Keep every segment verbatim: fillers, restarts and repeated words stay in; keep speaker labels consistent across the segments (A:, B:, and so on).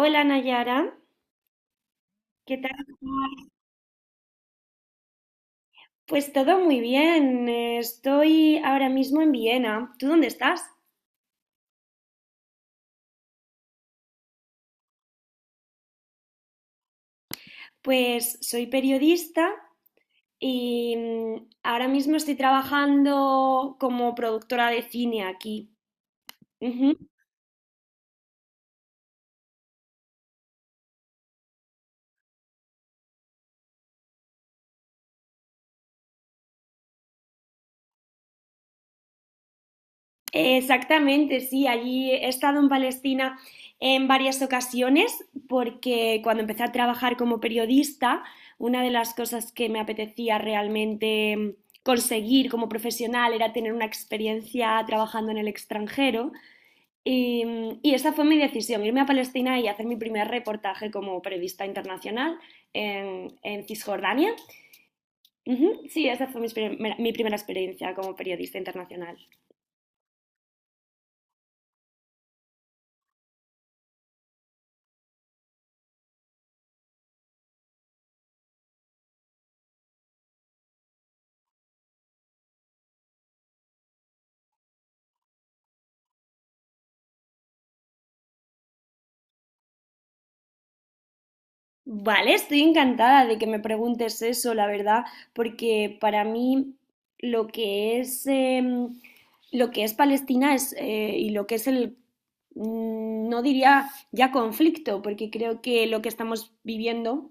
A: Hola, Nayara, ¿qué tal? ¿Estás? Pues todo muy bien. eh, Estoy ahora mismo en Viena. ¿Tú dónde estás? Pues soy periodista y mm, ahora mismo estoy trabajando como productora de cine aquí. Exactamente, sí, allí he estado en Palestina en varias ocasiones porque cuando empecé a trabajar como periodista, una de las cosas que me apetecía realmente conseguir como profesional era tener una experiencia trabajando en el extranjero y, y esa fue mi decisión: irme a Palestina y hacer mi primer reportaje como periodista internacional, en, en Cisjordania. Ujú, sí, esa fue mi, exper- mi primera experiencia como periodista internacional. Vale, estoy encantada de que me preguntes eso, la verdad, porque para mí lo que es em, lo que es Palestina es, eh, y lo que es el, mm, no diría ya conflicto, porque creo que lo que estamos viviendo,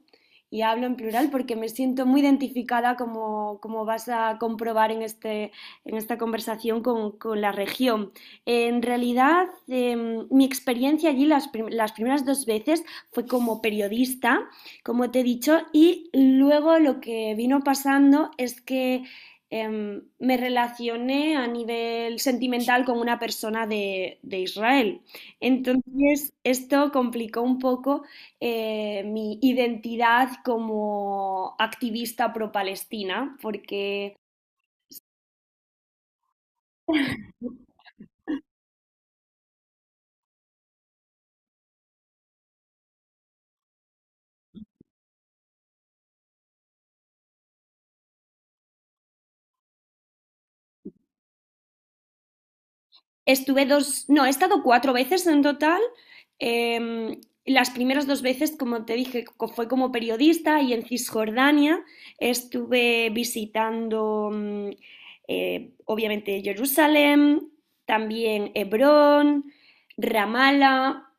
A: y hablo en plural porque me siento muy identificada, como, como vas a comprobar en este, en esta conversación, con, con la región. En realidad, em, mi experiencia allí las, prim- las primeras dos veces fue como periodista, como te he dicho, y luego lo que vino pasando es que, em, me relacioné a nivel sentimental con una persona de, de Israel. Entonces, esto complicó un poco, eh, mi identidad como activista pro-Palestina, porque... Estuve dos, no, he estado cuatro veces en total. Em, las primeras dos veces, como te dije, co- fue como periodista, y en Cisjordania estuve visitando, mm, eh, obviamente, Jerusalén, también Hebrón, Ramala,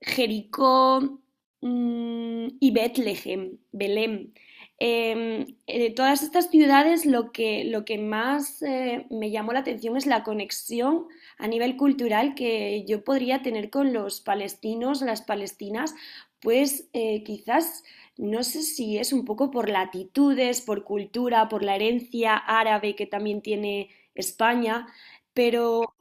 A: Jericó, mm, y Betlehem, Belén. Eh, de todas estas ciudades lo que, lo que más, eh, me llamó la atención es la conexión a nivel cultural que yo podría tener con los palestinos, las palestinas. Pues, eh, quizás no sé si es un poco por latitudes, por cultura, por la herencia árabe que también tiene España, pero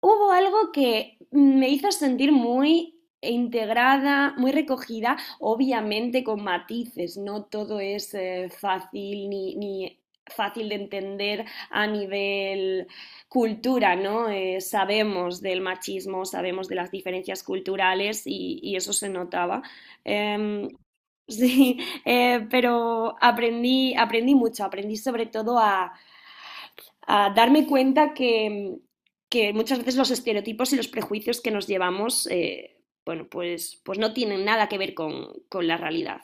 A: hubo algo que me hizo sentir muy integrada, muy recogida, obviamente con matices. No todo es, eh, fácil, ni, ni fácil de entender a nivel cultura, ¿no? Eh, sabemos del machismo, sabemos de las diferencias culturales, y, y eso se notaba. Em, sí, eh, pero aprendí, aprendí mucho, aprendí sobre todo a, a darme cuenta que, que muchas veces los estereotipos y los prejuicios que nos llevamos, eh, bueno, pues, pues no tienen nada que ver con, con la realidad.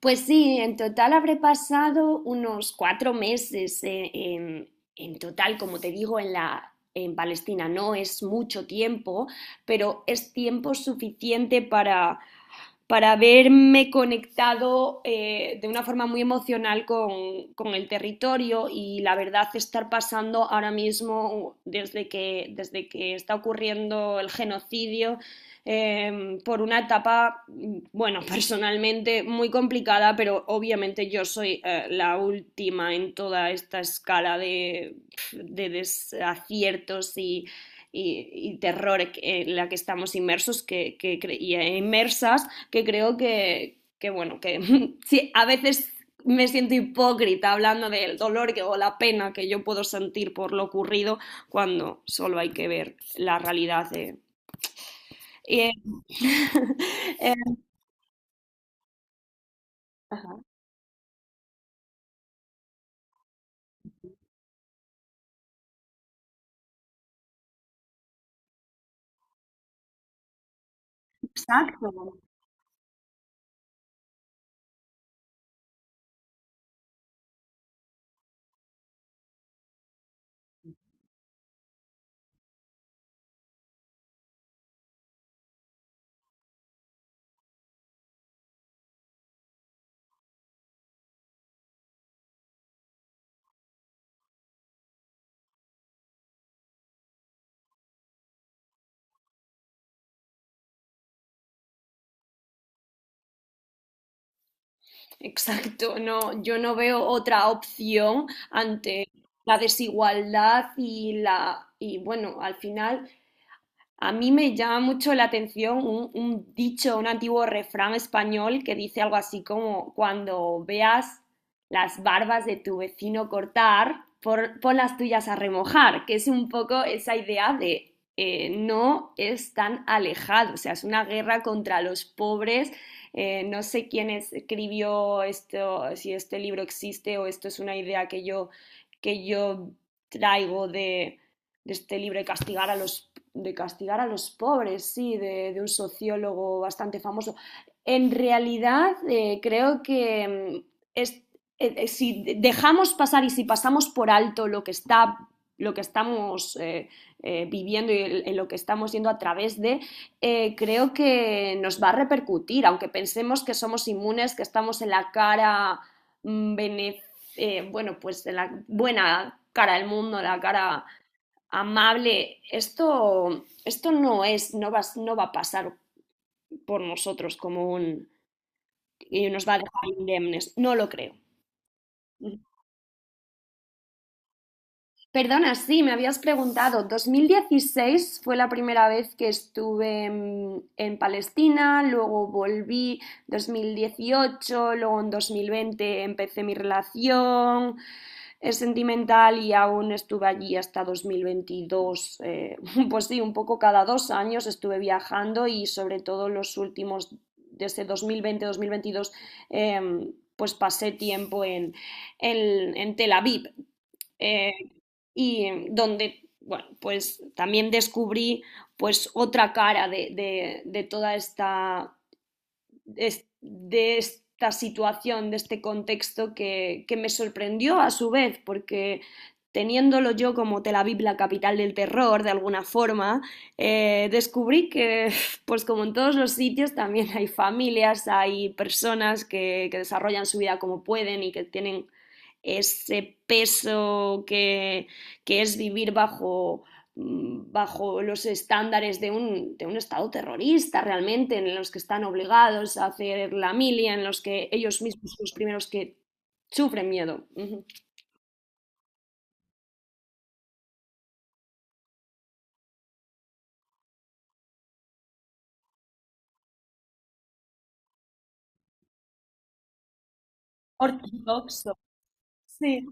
A: Pues sí, en total habré pasado unos cuatro meses, eh, en, en total, como te digo, en la, en Palestina. No es mucho tiempo, pero es tiempo suficiente para, para haberme conectado, eh, de una forma muy emocional con, con, el territorio. Y la verdad, estar pasando ahora mismo, desde que, desde que está ocurriendo el genocidio, eh, por una etapa, bueno, personalmente muy complicada. Pero obviamente yo soy, eh, la última en toda esta escala de, de desaciertos y, y, y, terror en la que estamos inmersos, que, que, y eh, inmersas, que creo que, que bueno, que sí, a veces me siento hipócrita hablando del dolor que, o la pena que yo puedo sentir por lo ocurrido, cuando solo hay que ver la realidad de... Y, eh, eh, ajá. Exacto. Exacto, no, yo no veo otra opción ante la desigualdad y la, y bueno, al final a mí me llama mucho la atención un, un dicho, un antiguo refrán español que dice algo así como: cuando veas las barbas de tu vecino cortar, por, pon las tuyas a remojar. Que es un poco esa idea de, eh, no es tan alejado, o sea, es una guerra contra los pobres. Eh, no sé quién escribió esto, si este libro existe o esto es una idea que yo, que yo traigo de, de este libro de castigar a los, de castigar a los pobres, sí, de, de un sociólogo bastante famoso. En realidad, eh, creo que, mm, es, eh, eh, si dejamos pasar y si pasamos por alto lo que está lo que estamos, eh, eh, viviendo, y en lo que estamos yendo a través de... eh, Creo que nos va a repercutir, aunque pensemos que somos inmunes, que estamos en la cara, mm, bene- eh, bueno, pues en la buena cara del mundo, la cara amable. Esto, esto no es, no va, no va a pasar por nosotros como un... Y nos va a dejar indemnes, no lo creo. Perdona, sí, me habías preguntado. dos mil dieciséis fue la primera vez que estuve en, en Palestina, luego volví dos mil dieciocho, luego en dos mil veinte empecé mi relación, eh, sentimental, y aún estuve allí hasta dos mil veintidós. Eh, pues sí, un poco cada dos años estuve viajando, y sobre todo los últimos, desde dos mil veinte-dos mil veintidós, pues pasé tiempo en, en, en Tel Aviv, eh, y donde, bueno, pues también descubrí pues otra cara de, de- de toda esta, es- de esta situación, de este contexto que, que me sorprendió a su vez, porque teniéndolo yo como Tel Aviv la capital del terror, de alguna forma, eh, descubrí que, pues como en todos los sitios, también hay familias, hay personas que, que desarrollan su vida como pueden y que tienen ese peso que, que es vivir bajo, mm, bajo los estándares de un, de un, Estado terrorista realmente, en los que están obligados a hacer la milia, en los que ellos mismos son los primeros que sufren miedo. Uh -huh. Ortodoxo. Sí.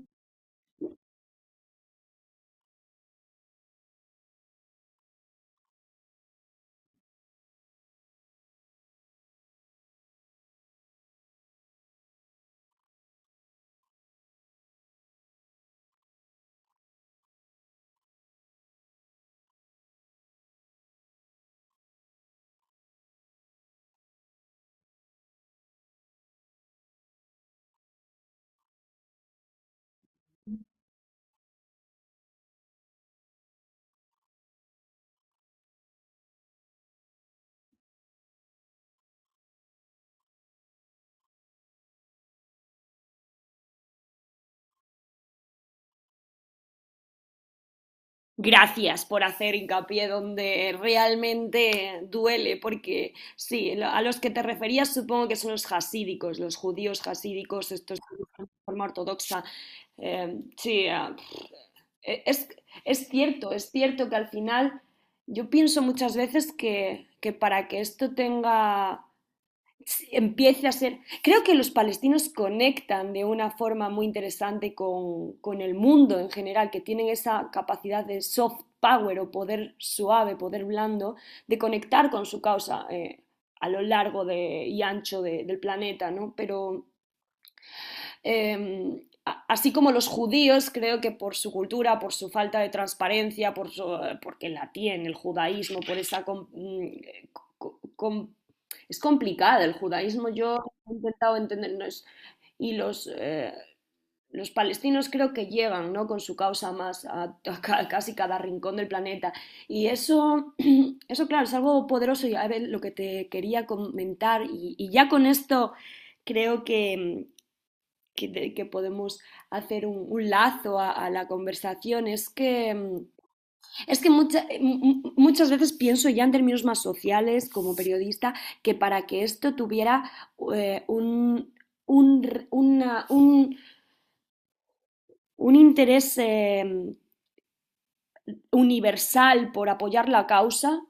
A: Gracias por hacer hincapié donde realmente duele, porque sí, lo- a los que te referías supongo que son los jasídicos, los judíos jasídicos estos que viven de forma ortodoxa. Eh, sí, eh, E- Es, es cierto, es cierto que al final yo pienso muchas veces que, que para que esto tenga, si- empiece a ser, creo que los palestinos conectan de una forma muy interesante con, con el mundo en general, que tienen esa capacidad de soft power, o poder suave, poder blando, de conectar con su causa, eh, a lo largo de- y ancho de- del planeta, ¿no? Pero, eh, así como los judíos, creo que por su cultura, por su falta de transparencia, por su, porque la tiene el judaísmo, por esa... Com, com, com, es complicada el judaísmo. Yo he intentado entender, no es, y los, eh, los palestinos creo que llegan, ¿no?, con su causa más a, a casi cada rincón del planeta. Y eso... Eso, claro, es algo poderoso. Y a ver, lo que te quería comentar. Y, y ya con esto creo que, que, que podemos hacer un, un lazo a, a, la conversación, es que, mm, es que mucha- muchas veces pienso ya en términos más sociales como periodista, que para que esto tuviera, eh, un, un una- un- un interés, eh, universal, por apoyar la causa.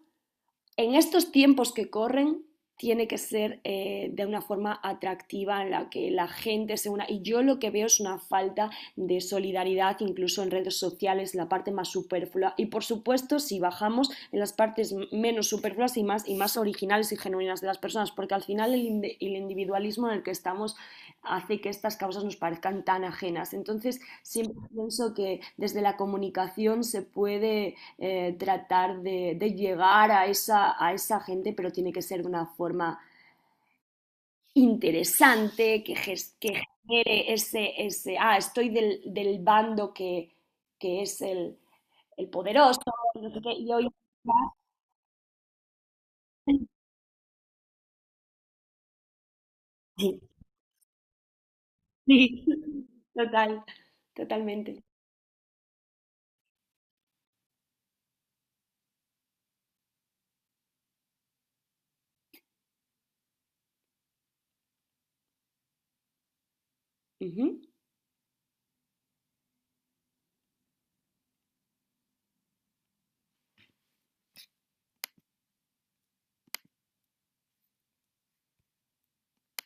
A: En estos tiempos que corren tiene que ser, eh, de una forma atractiva en la que la gente se una. Y yo lo que veo es una falta de solidaridad, incluso en redes sociales, la parte más superflua. Y por supuesto, si bajamos en las partes menos superfluas y más, y más originales y genuinas de las personas, porque al final el, ind el individualismo en el que estamos hace que estas causas nos parezcan tan ajenas. Entonces, siempre pienso que desde la comunicación se puede, eh, tratar de, de llegar a esa, a esa gente, pero tiene que ser de una forma interesante, que, ges- que genere ese, ese, ah, estoy del, del bando que, que es el, el poderoso, no sé qué, y hoy... Sí, sí, total, totalmente. Ujú.